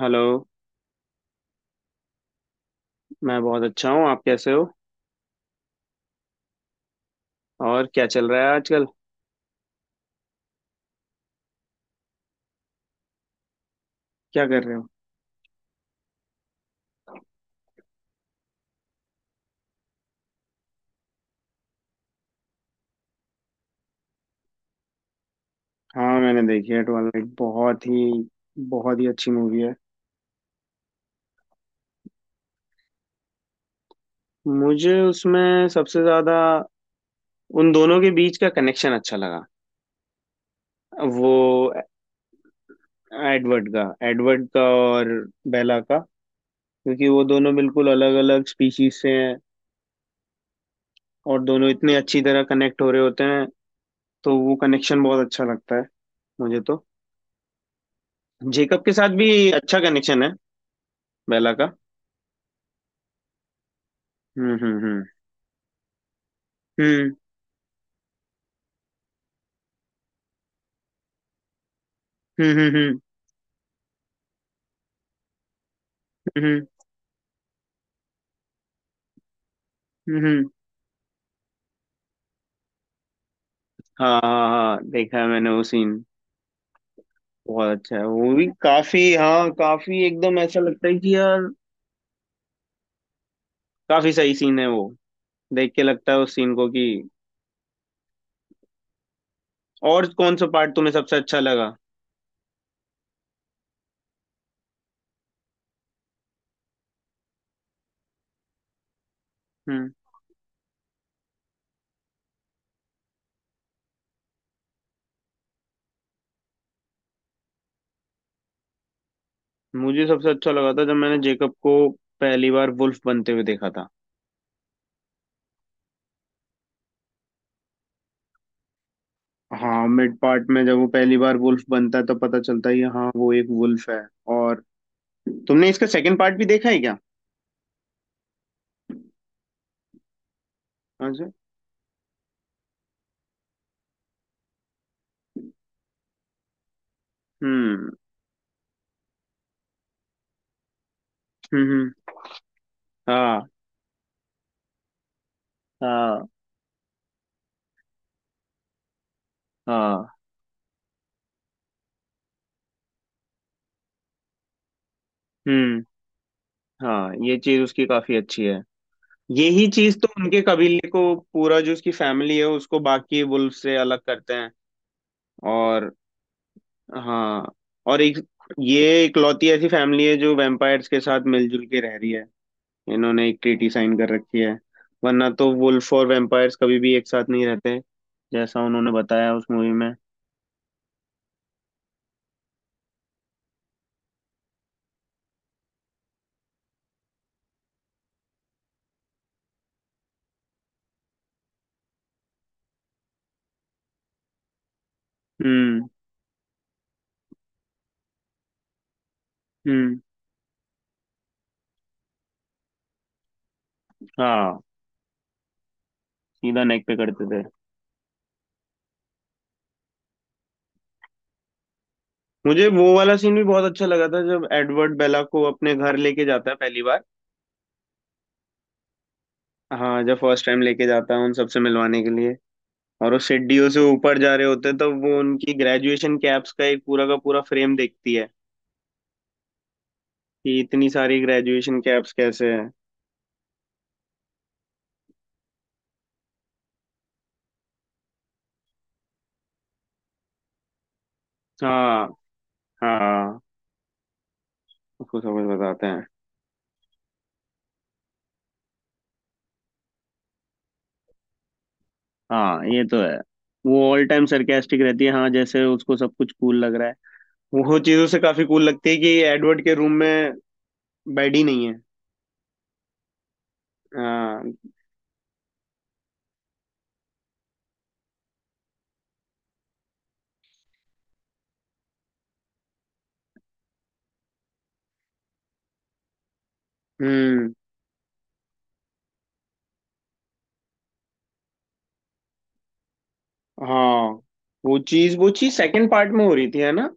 Hello. मैं बहुत अच्छा हूँ। आप कैसे हो? और क्या चल रहा है आजकल? क्या कर रहे हो? हाँ, मैंने देखी है ट्वेलाइट। बहुत ही अच्छी मूवी है। मुझे उसमें सबसे ज्यादा उन दोनों के बीच का कनेक्शन अच्छा लगा। वो एडवर्ड का और बेला का। क्योंकि वो दोनों बिल्कुल अलग अलग स्पीशीज से हैं। और दोनों इतने अच्छी तरह कनेक्ट हो रहे होते हैं, तो वो कनेक्शन बहुत अच्छा लगता है मुझे तो। जेकब के साथ भी अच्छा कनेक्शन है बेला का। हम्म, हम्म, हम्म, हम्म, हम्म, हम्म, हम्म, हम्म, हम्म, हम्म। हाँ हाँ हाँ, देखा है मैंने वो सीन। बहुत अच्छा है वो भी, काफी, हाँ, काफी। एकदम ऐसा लगता है कि यार काफी सही सीन है वो। देख के लगता है उस सीन को कि। और कौन सा पार्ट तुम्हें सबसे अच्छा लगा? हम्म। मुझे सबसे अच्छा लगा था जब मैंने जेकब को पहली बार वुल्फ बनते हुए देखा था। हाँ, मिड पार्ट में जब वो पहली बार वुल्फ बनता है तो पता चलता है कि हाँ वो एक वुल्फ है। और तुमने इसका सेकंड पार्ट भी देखा है क्या? हाँ जी। हम्म, हम्म, हाँ हाँ हाँ। हम्म। हाँ, ये चीज उसकी काफी अच्छी है। यही चीज तो उनके कबीले को, पूरा जो उसकी फैमिली है उसको, बाकी वुल्फ से अलग करते हैं। और हाँ। और एक, ये इकलौती ऐसी फैमिली है जो वैम्पायर्स के साथ मिलजुल के रह रही है। इन्होंने एक ट्रीटी साइन कर रखी है। वरना तो वुल्फ और वैम्पायर्स कभी भी एक साथ नहीं रहते, जैसा उन्होंने बताया उस मूवी में। हम्म, हम्म। हाँ, सीधा नेक पे करते थे। मुझे वो वाला सीन भी बहुत अच्छा लगा था जब एडवर्ड बेला को अपने घर लेके जाता है पहली बार। हाँ, जब फर्स्ट टाइम लेके जाता है उन सबसे मिलवाने के लिए। और वो सीढ़ियों से ऊपर जा रहे होते हैं तो वो उनकी ग्रेजुएशन कैप्स का एक पूरा का पूरा फ्रेम देखती है कि इतनी सारी ग्रेजुएशन कैप्स कैसे हैं। हाँ हाँ, उसको सब कुछ बताते हैं। हाँ, ये तो है। वो ऑल टाइम सरकास्टिक रहती है। हाँ, जैसे उसको सब कुछ कूल लग रहा है। वो चीजों से काफी कूल लगती है कि एडवर्ड के रूम में बेड ही नहीं है। हाँ। हम्म। हाँ, वो चीज सेकंड पार्ट में हो रही थी है ना?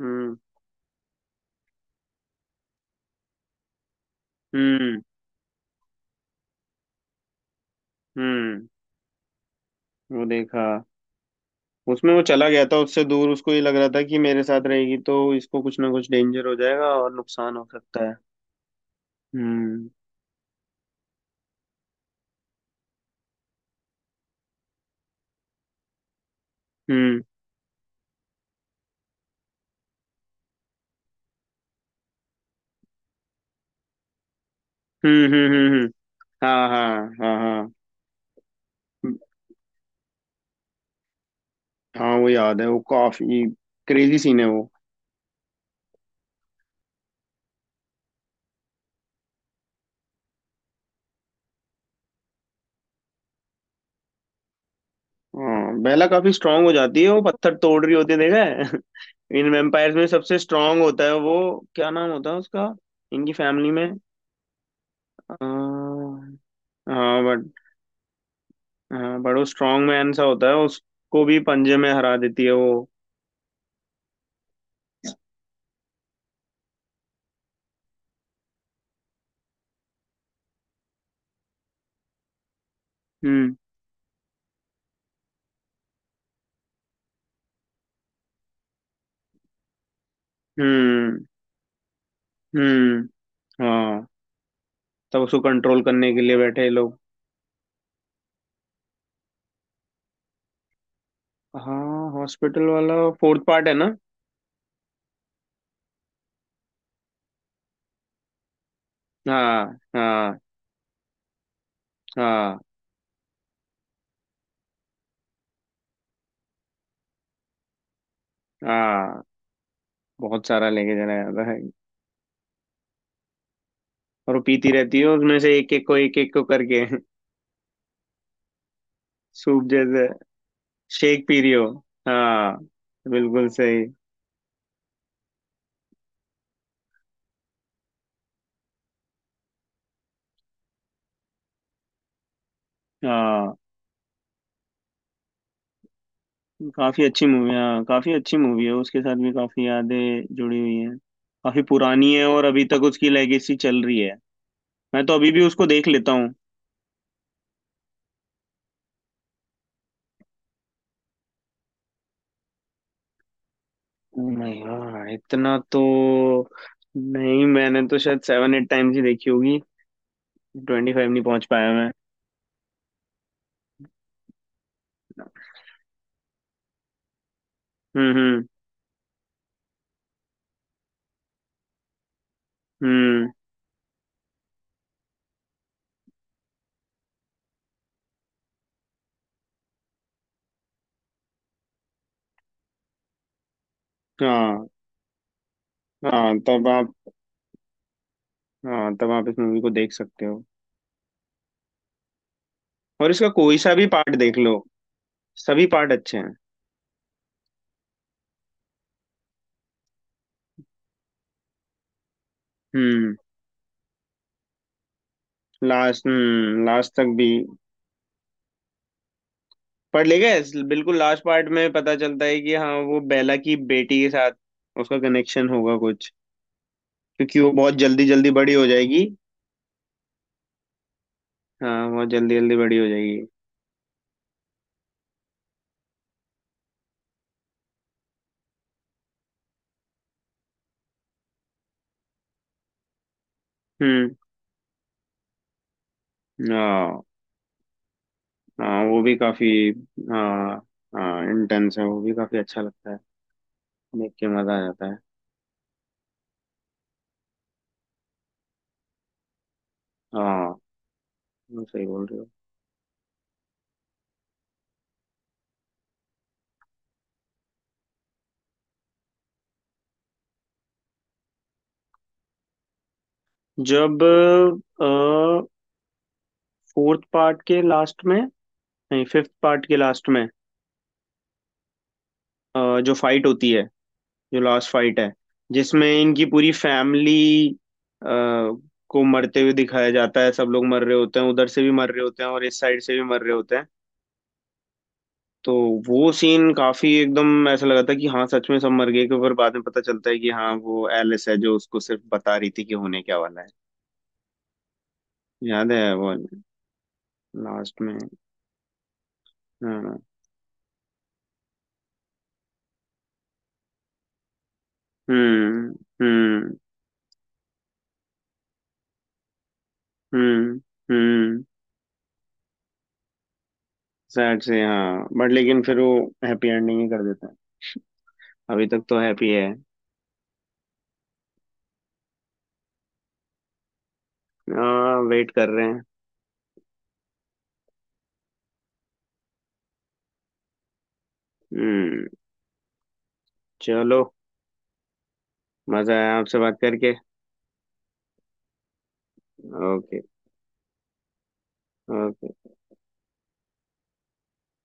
हम्म, हम्म, हम्म। वो देखा, उसमें वो चला गया था उससे दूर। उसको ये लग रहा था कि मेरे साथ रहेगी तो इसको कुछ ना कुछ डेंजर हो जाएगा और नुकसान हो सकता है। हम्म, हम्म, हम्म, हम्म, हम्म, हाँ हाँ हाँ हाँ। हाँ वो याद है, वो काफी क्रेजी सीन है वो। हाँ, बेला काफी स्ट्रांग हो जाती है। वो पत्थर तोड़ रही होती है, देखा है। इन वेम्पायर्स में सबसे स्ट्रांग होता है वो। क्या नाम होता है उसका इनकी फैमिली में? हाँ, हाँ बट, हाँ बट वो स्ट्रॉन्ग मैन सा होता है। उसको भी पंजे में हरा देती है वो। हम्म, हम्म, हम्म। हाँ, तब उसको कंट्रोल करने के लिए बैठे हैं लोग। हाँ, हॉस्पिटल वाला। फोर्थ पार्ट है ना? हाँ हाँ हाँ हाँ। बहुत सारा लेके चला जाता है। और वो पीती रहती है उसमें से एक एक को, एक एक को करके। सूप जैसे शेक पी रही हो। हाँ, बिल्कुल सही। हाँ, काफी अच्छी मूवी। हाँ, काफी अच्छी मूवी है। उसके साथ भी काफी यादें जुड़ी हुई हैं। काफी पुरानी है और अभी तक उसकी लेगेसी चल रही है। मैं तो अभी भी उसको देख लेता हूँ। नहीं यार, इतना तो नहीं। मैंने तो शायद 7-8 टाइम्स ही देखी होगी। 25 नहीं पहुंच पाया मैं। हम्म, हम्म, हम्म। हाँ हाँ तब आप हाँ तब आप इस मूवी को देख सकते हो। और इसका कोई सा भी पार्ट देख लो। सभी पार्ट अच्छे हैं। हम्म। लास्ट, लास्ट तक भी पढ़ ले गए। बिल्कुल लास्ट पार्ट में पता चलता है कि हाँ वो बेला की बेटी के साथ उसका कनेक्शन होगा कुछ। क्योंकि वो बहुत जल्दी जल्दी बड़ी हो जाएगी। हाँ, बहुत जल्दी जल्दी बड़ी हो जाएगी। हम्म। हाँ हाँ, वो भी काफी। हाँ हाँ, इंटेंस है, वो भी काफी अच्छा लगता है। देख के मजा आ जाता है। हाँ, वो सही बोल रहे हो। जब फोर्थ पार्ट के लास्ट में, नहीं, फिफ्थ पार्ट के लास्ट में, जो फाइट होती है, जो लास्ट फाइट है, जिसमें इनकी पूरी फैमिली को मरते हुए दिखाया जाता है। सब लोग मर रहे होते हैं, उधर से भी मर रहे होते हैं और इस साइड से भी मर रहे होते हैं। तो वो सीन काफी एकदम ऐसा लगा था कि हाँ सच में सब मर गए, के ऊपर बाद में पता चलता है कि हाँ वो एलिस है जो उसको सिर्फ बता रही थी कि होने क्या वाला है। याद है वो, लास्ट में? हाँ। हम्म, हम्म, हम्म, हम्म। सैड से हाँ, बट लेकिन फिर वो हैप्पी एंडिंग ही कर देता है। अभी तक तो हैप्पी है। हाँ, वेट कर रहे हैं। हम्म। चलो। मजा आया आपसे बात करके। ओके। ओके।